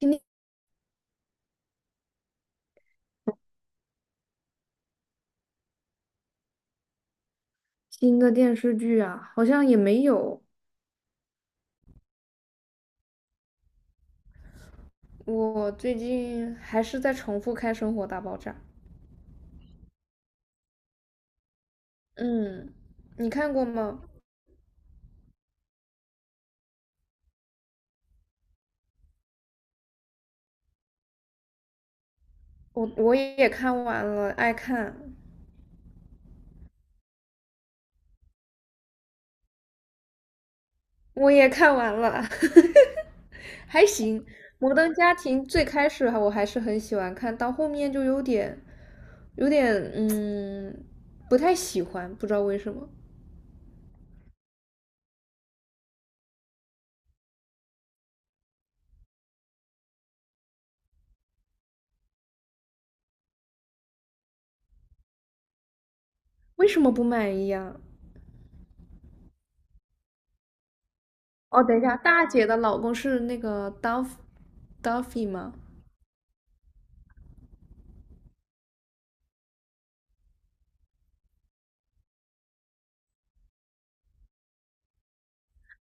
今天新的电视剧啊，好像也没有。我最近还是在重复看《生活大爆炸》。嗯，你看过吗？我也看完了，爱看，我也看完了，还行。《摩登家庭》最开始我还是很喜欢看，到后面就有点，有点嗯，不太喜欢，不知道为什么。为什么不满意啊？哦，等一下，大姐的老公是那个 Duffy 吗？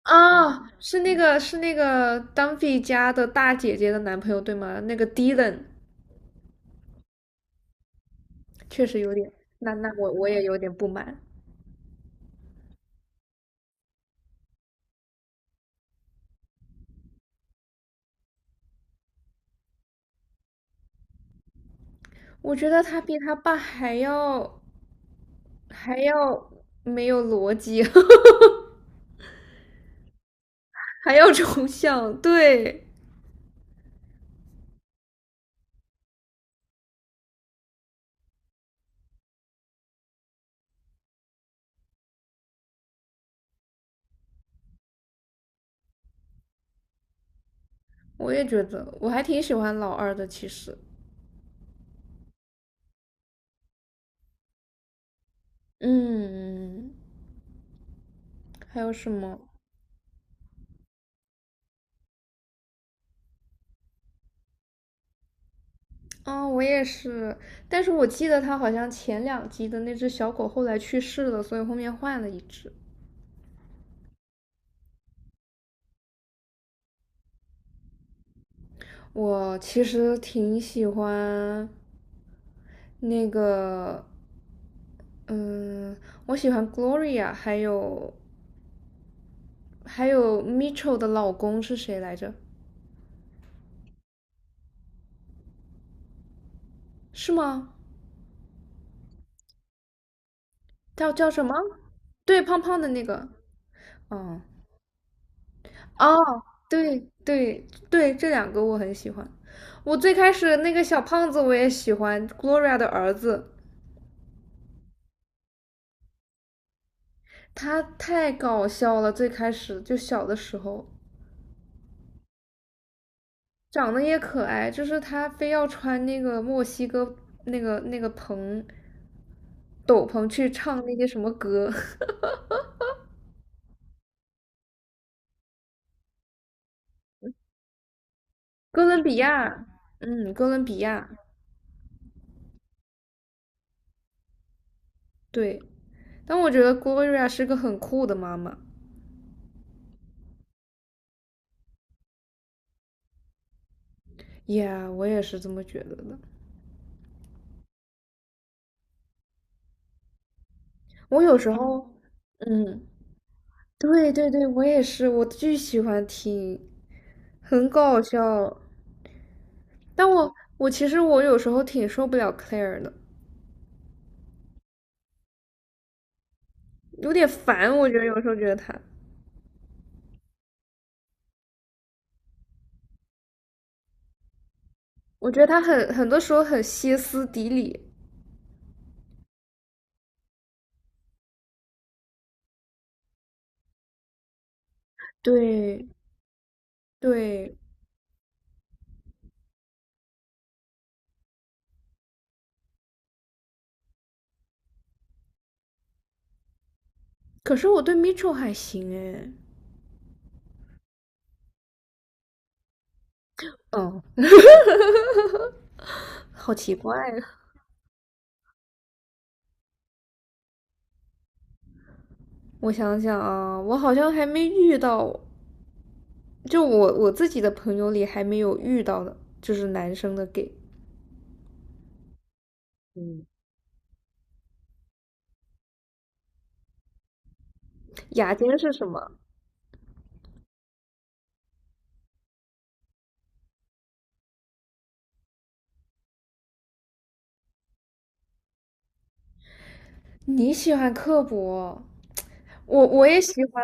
啊，是那个 Dumpy 家的大姐姐的男朋友对吗？那个 Dylan 确实有点，那我也有点不满，我觉得他比他爸还要还要没有逻辑，还要抽象。对，我也觉得，我还挺喜欢老二的，其实。嗯，还有什么？啊？我也是，但是我记得他好像前两集的那只小狗后来去世了，所以后面换了一只。我其实挺喜欢那个，嗯，我喜欢 Gloria，还有 Mitchell 的老公是谁来着？是吗？叫什么？对，胖胖的那个。嗯，哦，对对对，这两个我很喜欢。我最开始那个小胖子我也喜欢，Gloria 的儿子，他太搞笑了。最开始就小的时候。长得也可爱，就是他非要穿那个墨西哥那个蓬斗篷去唱那些什么歌，哥伦比亚，嗯，哥伦比亚，对。但我觉得 Gloria 是个很酷的妈妈 y 我也是这么觉得的。我有时候，嗯，对对对，我也是，我巨喜欢听，很搞笑。但我我其实我有时候挺受不了 Claire 的，有点烦，我觉得有时候觉得她。我觉得他很多时候很歇斯底里。对对，可是我对 Mitchell 还行哎，嗯，好奇怪啊！我想想啊，我好像还没遇到，就我自己的朋友里还没有遇到的，就是男生的 gay。嗯，雅间是什么？你喜欢刻薄，我也喜欢，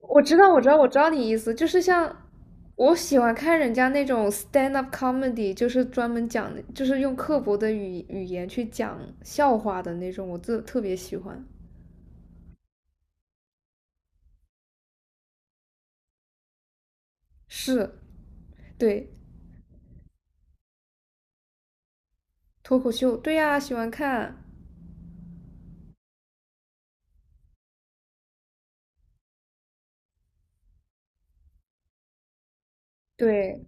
我知道，我知道，我知道你意思，就是像我喜欢看人家那种 stand up comedy，就是专门讲，就是用刻薄的语言去讲笑话的那种，我特别喜欢。是，对，脱口秀，对呀，喜欢看。对，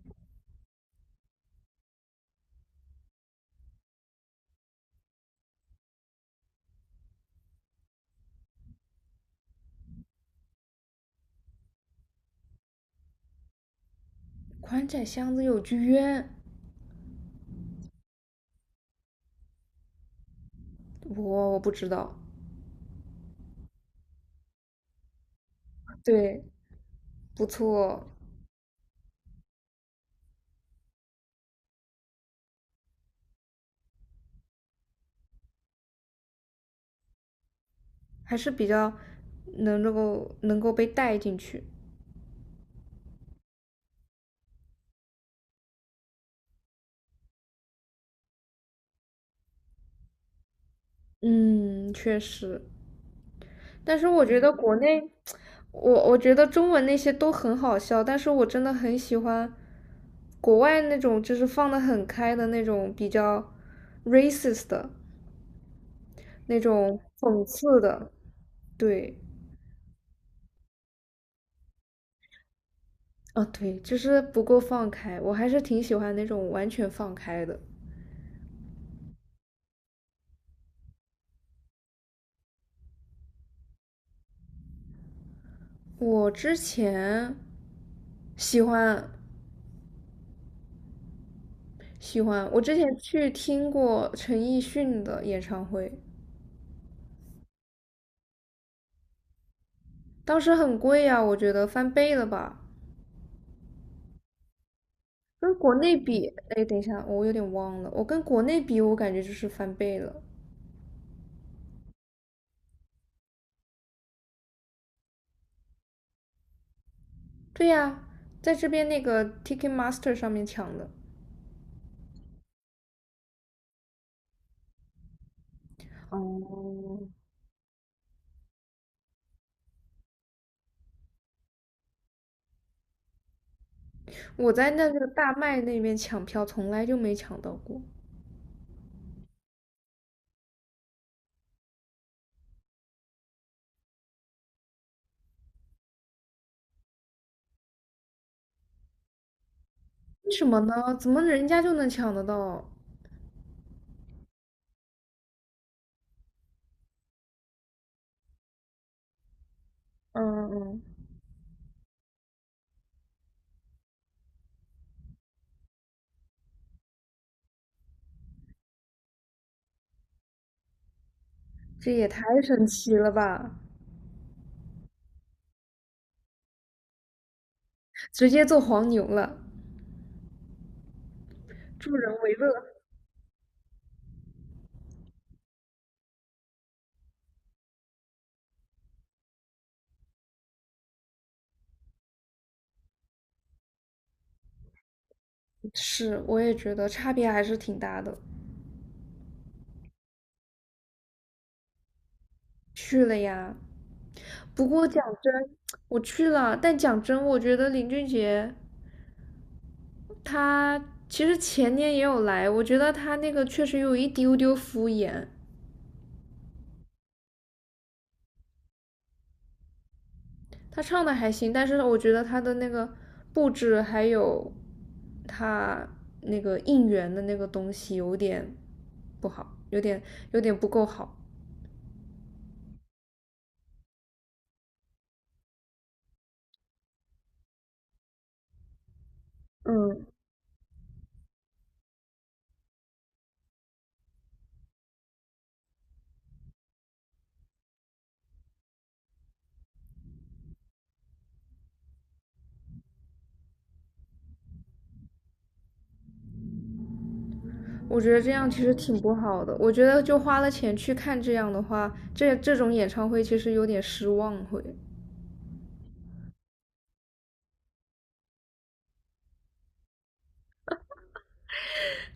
宽窄巷子有剧院，我不知道。对，不错，还是比较能够被带进去。嗯，确实。但是我觉得国内，我觉得中文那些都很好笑，但是我真的很喜欢国外那种就是放的很开的那种比较 racist 的那种讽刺的，对，啊对，就是不够放开，我还是挺喜欢那种完全放开的。我之前喜欢喜欢，我之前去听过陈奕迅的演唱会，当时很贵呀，我觉得翻倍了吧。跟国内比，哎，等一下，我有点忘了。我跟国内比，我感觉就是翻倍了。对呀，在这边那个 Ticketmaster 上面抢的，哦，我在那个大麦那边抢票从来就没抢到过。为什么呢？怎么人家就能抢得到？嗯嗯，嗯这也太神奇了吧！直接做黄牛了，助人为乐。是，我也觉得差别还是挺大的。去了呀，不过讲真，我去了，但讲真，我觉得林俊杰他其实前年也有来，我觉得他那个确实有一丢丢敷衍，他唱的还行，但是我觉得他的那个布置还有他那个应援的那个东西有点不好，有点不够好。嗯，我觉得这样其实挺不好的，我觉得就花了钱去看这样的话，这种演唱会其实有点失望会。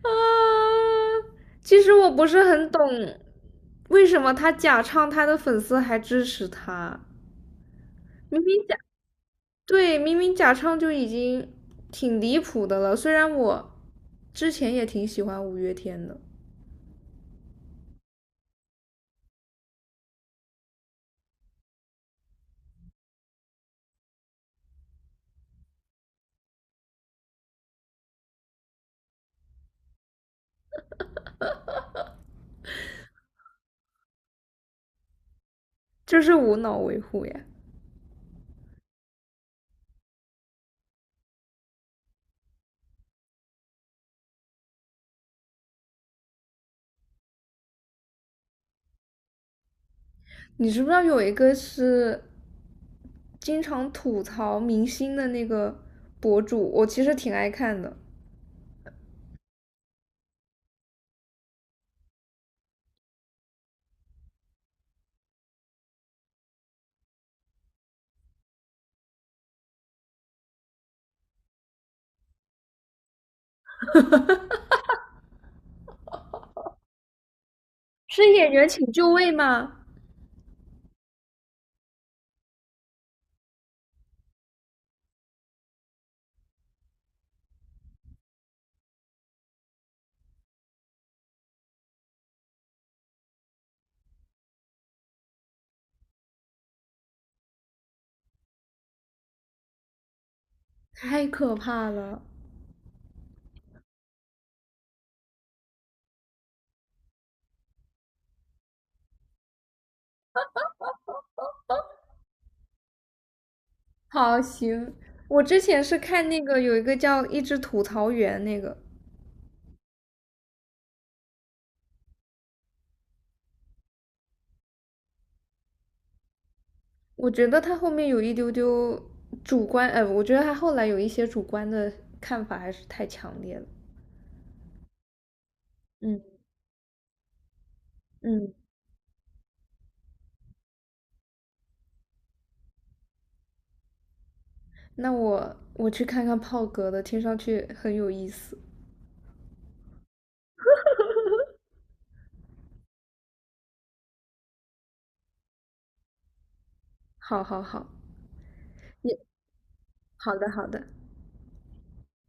啊，其实我不是很懂，为什么他假唱，他的粉丝还支持他？明明假，对，明明假唱就已经挺离谱的了。虽然我之前也挺喜欢五月天的，这是无脑维护呀。你知不知道有一个是经常吐槽明星的那个博主？我其实挺爱看的，是演员请就位吗？太可怕了！好，行。我之前是看那个有一个叫《一只吐槽员》那个，我觉得他后面有一丢丢主观，我觉得他后来有一些主观的看法还是太强烈了。嗯嗯，那我去看看炮哥的，听上去很有意思。好好好，你好的好的。